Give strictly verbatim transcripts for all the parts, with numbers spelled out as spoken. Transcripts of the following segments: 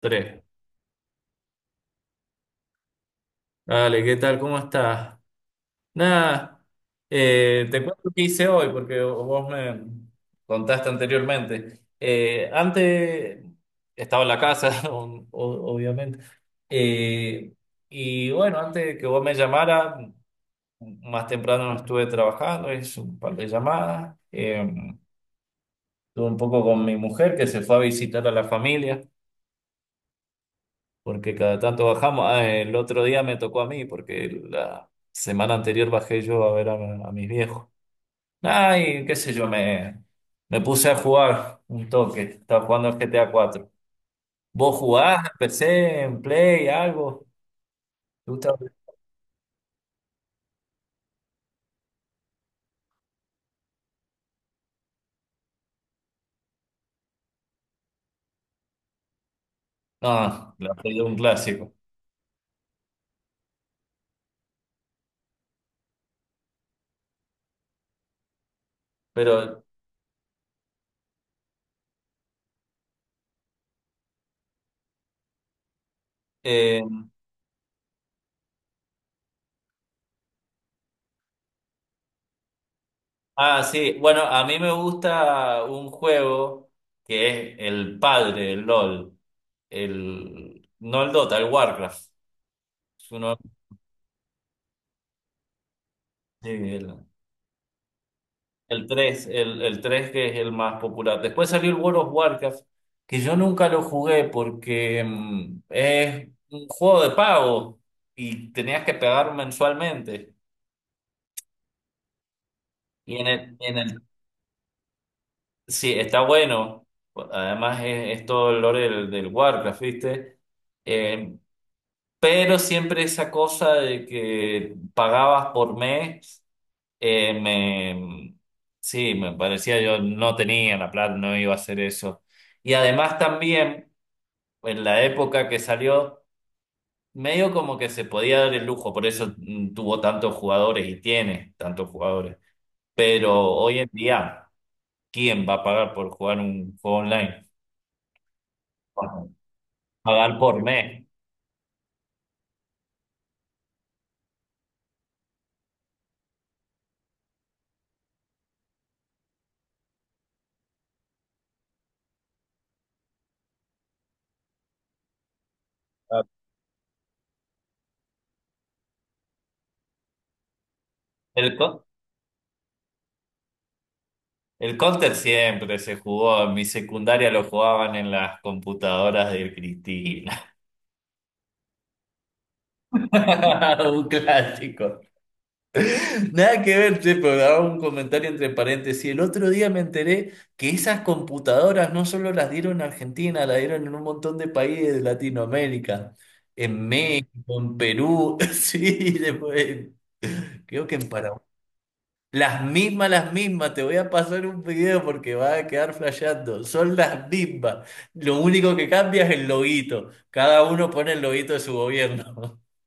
Tres. Dale, ¿qué tal? ¿Cómo estás? Nada, eh, te cuento qué hice hoy porque vos me contaste anteriormente. Eh, antes estaba en la casa, o- o- obviamente. Eh, y bueno, antes de que vos me llamara, más temprano estuve trabajando, hice un par de llamadas. Eh, estuve un poco con mi mujer que se fue a visitar a la familia, porque cada tanto bajamos. Ah, el otro día me tocó a mí, porque la semana anterior bajé yo a ver a, a mis viejos. Ay, qué sé yo, me, me puse a jugar un toque. Estaba jugando al G T A cuatro. ¿Vos jugás en pe ce, en Play, algo? ¿Te gusta? No, la Play es un clásico. Pero, eh, ah, sí, bueno, a mí me gusta un juego que es el padre, el LOL. El, no el Dota, el Warcraft. Es uno- sí, el- el tres, el, el tres que es el más popular. Después salió el World of Warcraft, que yo nunca lo jugué porque mm, es un juego de pago y tenías que pagar mensualmente. Y en el, en el, sí, está bueno. Además es, es todo el lore del, del Warcraft, ¿viste? Eh, pero siempre esa cosa de que pagabas por mes. Eh, me, sí, me parecía, yo no tenía la plata, no iba a hacer eso. Y además también, en la época que salió, medio como que se podía dar el lujo, por eso mm, tuvo tantos jugadores y tiene tantos jugadores. Pero hoy en día, ¿quién va a pagar por jugar un juego online? Pagar por mes. Ah, El, co- el Counter siempre se jugó, en mi secundaria lo jugaban en las computadoras de Cristina. Un clásico. Nada que ver, che, pero daba un comentario entre paréntesis. El otro día me enteré que esas computadoras no solo las dieron en Argentina, las dieron en un montón de países de Latinoamérica, en México, en Perú, sí, después, creo que en Paraguay. Las mismas, las mismas, te voy a pasar un video porque va a quedar flasheando. Son las mismas. Lo único que cambia es el loguito. Cada uno pone el loguito de su gobierno.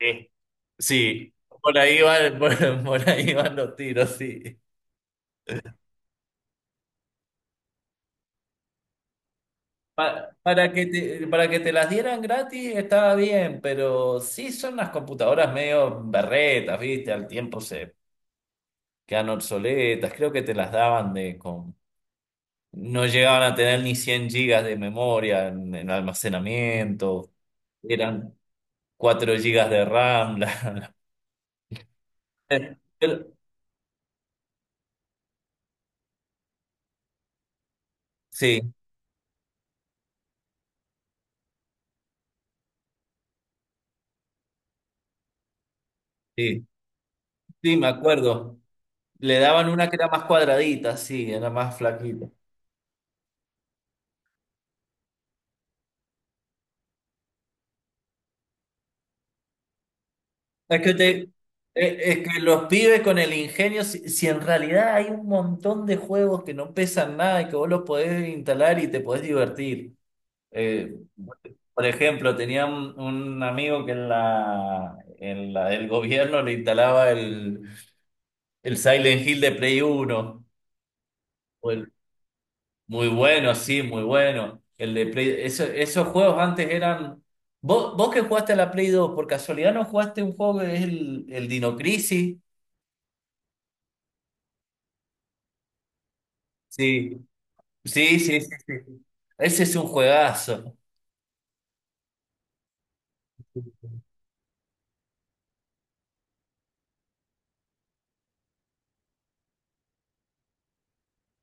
Sí, sí, por ahí van, por por ahí van los tiros, sí. Pa- para que te, para que te las dieran gratis estaba bien, pero sí, son las computadoras medio berretas, ¿viste? Al tiempo se quedan obsoletas. Creo que te las daban de con... No llegaban a tener ni cien gigas de memoria en, en almacenamiento. Eran cuatro gigas de RAM. la- la- Pero sí, sí, sí, me acuerdo. Le daban una que era más cuadradita, sí, era más flaquita. Es que, te- es es que los pibes con el ingenio, si, si en realidad hay un montón de juegos que no pesan nada y que vos los podés instalar y te podés divertir. Eh, por ejemplo, tenía un, un amigo que en la, en la del gobierno le instalaba el, el Silent Hill de Play Uno. O el- Muy bueno, sí, muy bueno. El de Play, eso- esos juegos antes eran... Vos, vos que jugaste a la Play dos, por casualidad no jugaste un juego que es el, el Dino Crisis. Sí, sí, sí, sí, sí. Ese es un juegazo.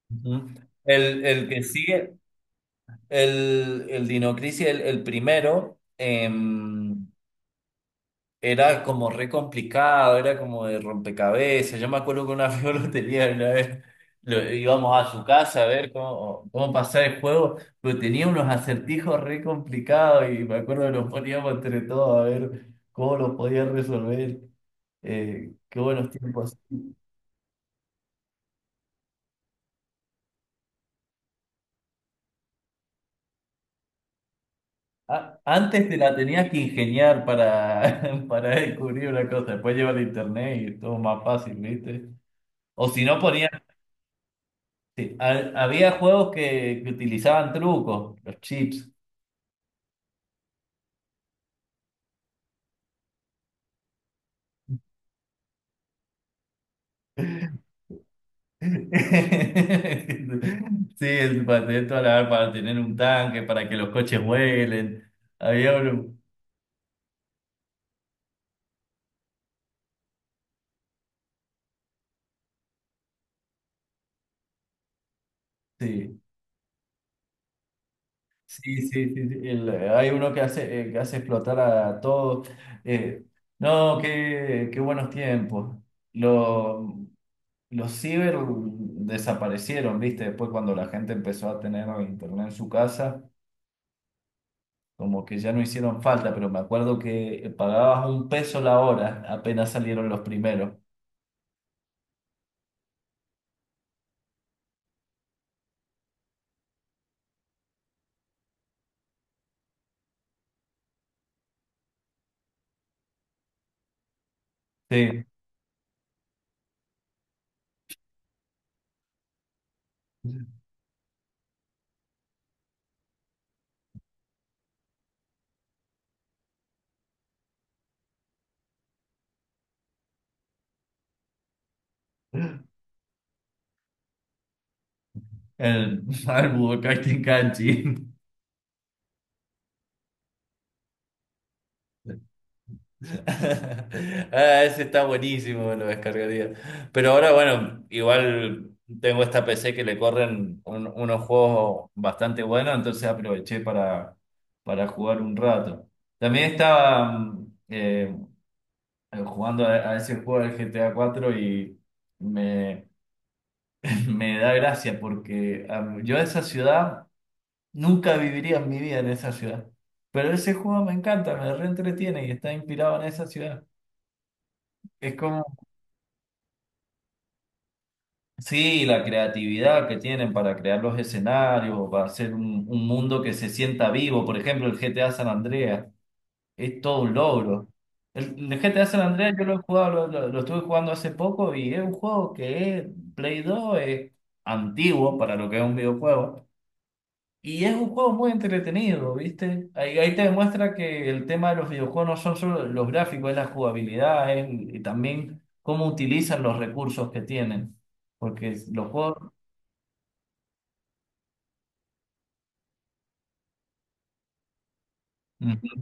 Ujú. El, el que sigue, el, el Dino Crisis, el, el primero, em, era como re complicado, era como de rompecabezas. Yo me acuerdo que una vez yo lo tenía, una vez lo- íbamos a su casa a ver cómo, cómo pasar el juego, pero tenía unos acertijos re complicados y me acuerdo que nos poníamos entre todos a ver cómo los podían resolver. Eh, qué buenos tiempos. A- Antes te la tenías que ingeniar para, para descubrir una cosa, después lleva el internet y todo más fácil, ¿viste? O si no ponías, sí, ha- había juegos que, que utilizaban trucos, los chips. Sí, el- para tener toda la- para tener un tanque, para que los coches vuelen. Había uno, sí, sí, sí, sí, sí, el- hay uno que hace, eh, que hace explotar a todos. Eh, no, qué, qué buenos tiempos. Lo, Los ciber desaparecieron, ¿viste? Después, cuando la gente empezó a tener internet en su casa, como que ya no hicieron falta, pero me acuerdo que pagabas un peso la hora, apenas salieron los primeros. Sí. El, al Budokai Tenkaichi. Ah, ese está buenísimo, me lo descargaría. Pero ahora, bueno, igual tengo esta pe ce que le corren un- unos juegos bastante buenos, entonces aproveché para, para jugar un rato. También estaba mm, eh, jugando a, a ese juego del G T A cuatro y me, me da gracia porque am, yo esa ciudad nunca viviría en mi vida en esa ciudad. Pero ese juego me encanta, me reentretiene y está inspirado en esa ciudad. Es como... Sí, la creatividad que tienen para crear los escenarios, para hacer un, un mundo que se sienta vivo. Por ejemplo, el G T A San Andreas es todo un logro. El, el G T A San Andreas yo lo he jugado, lo, lo- lo estuve jugando hace poco y es un juego que es Play dos, es antiguo para lo que es un videojuego. Y es un juego muy entretenido, ¿viste? Ahí, ahí te demuestra que el tema de los videojuegos no son solo los gráficos, es la jugabilidad, es- y también cómo utilizan los recursos que tienen. Porque los juegos... Mm.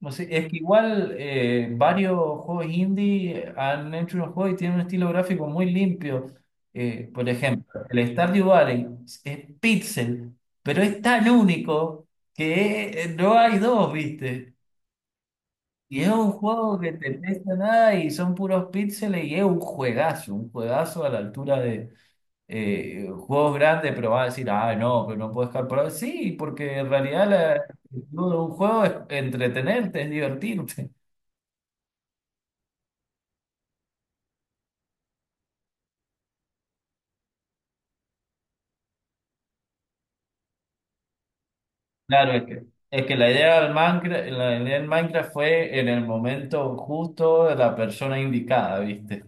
No sé, es que igual eh, varios juegos indie han hecho unos juegos y tienen un estilo gráfico muy limpio. Eh, por ejemplo, el Stardew Valley es pixel, pero es tan único que eh, no hay dos, ¿viste? Y es un juego que te pesa nada y son puros píxeles y es un juegazo, un juegazo a la altura de eh, juegos grandes, pero vas a decir, "ah, no, pero no puedo jugar por ahora". Sí, porque en realidad la actitud de un juego es entretenerte, es divertirte. Claro, es que, es que la idea del Minecraft, la idea del Minecraft fue en el momento justo de la persona indicada, ¿viste?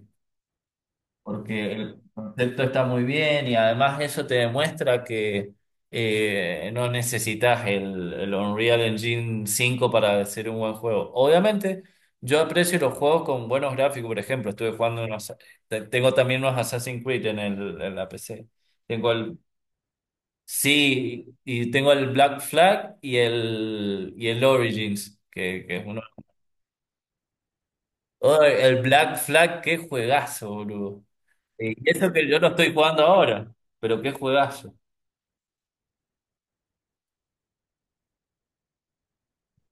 Porque el concepto está muy bien y además eso te demuestra que eh, no necesitas el, el Unreal Engine cinco para hacer un buen juego. Obviamente, yo aprecio los juegos con buenos gráficos. Por ejemplo, estuve jugando unos, te- tengo también unos Assassin's Creed en el, en la pe ce. Tengo el, sí, y tengo el Black Flag y el y el Origins, que, que es uno. Oh, el Black Flag, qué juegazo, boludo. Eh, Y eso que yo lo estoy jugando ahora, pero qué juegazo.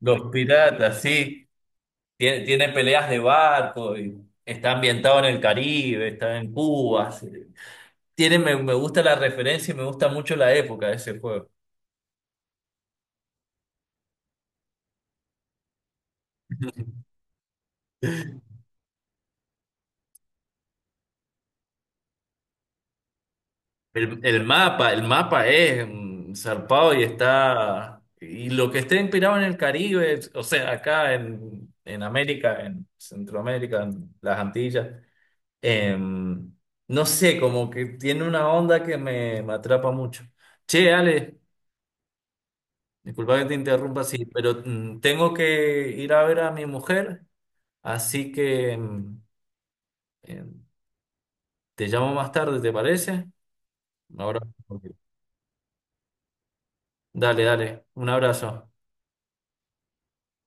Los piratas, sí. Tiene, tiene peleas de barco, y está ambientado en el Caribe, está en Cuba. Sí. Tiene, me, me gusta la referencia y me gusta mucho la época de ese juego. El, el mapa, el mapa es mm, zarpado y está. Y lo que esté inspirado en el Caribe, o sea, acá en, en América, en Centroamérica, en las Antillas. Em, no sé, como que tiene una onda que me, me atrapa mucho. Che, Ale, disculpa que te interrumpa así, pero mm, tengo que ir a ver a mi mujer, así que mm, em, te llamo más tarde, ¿te parece? Ahora. Ok. Dale, dale, un abrazo.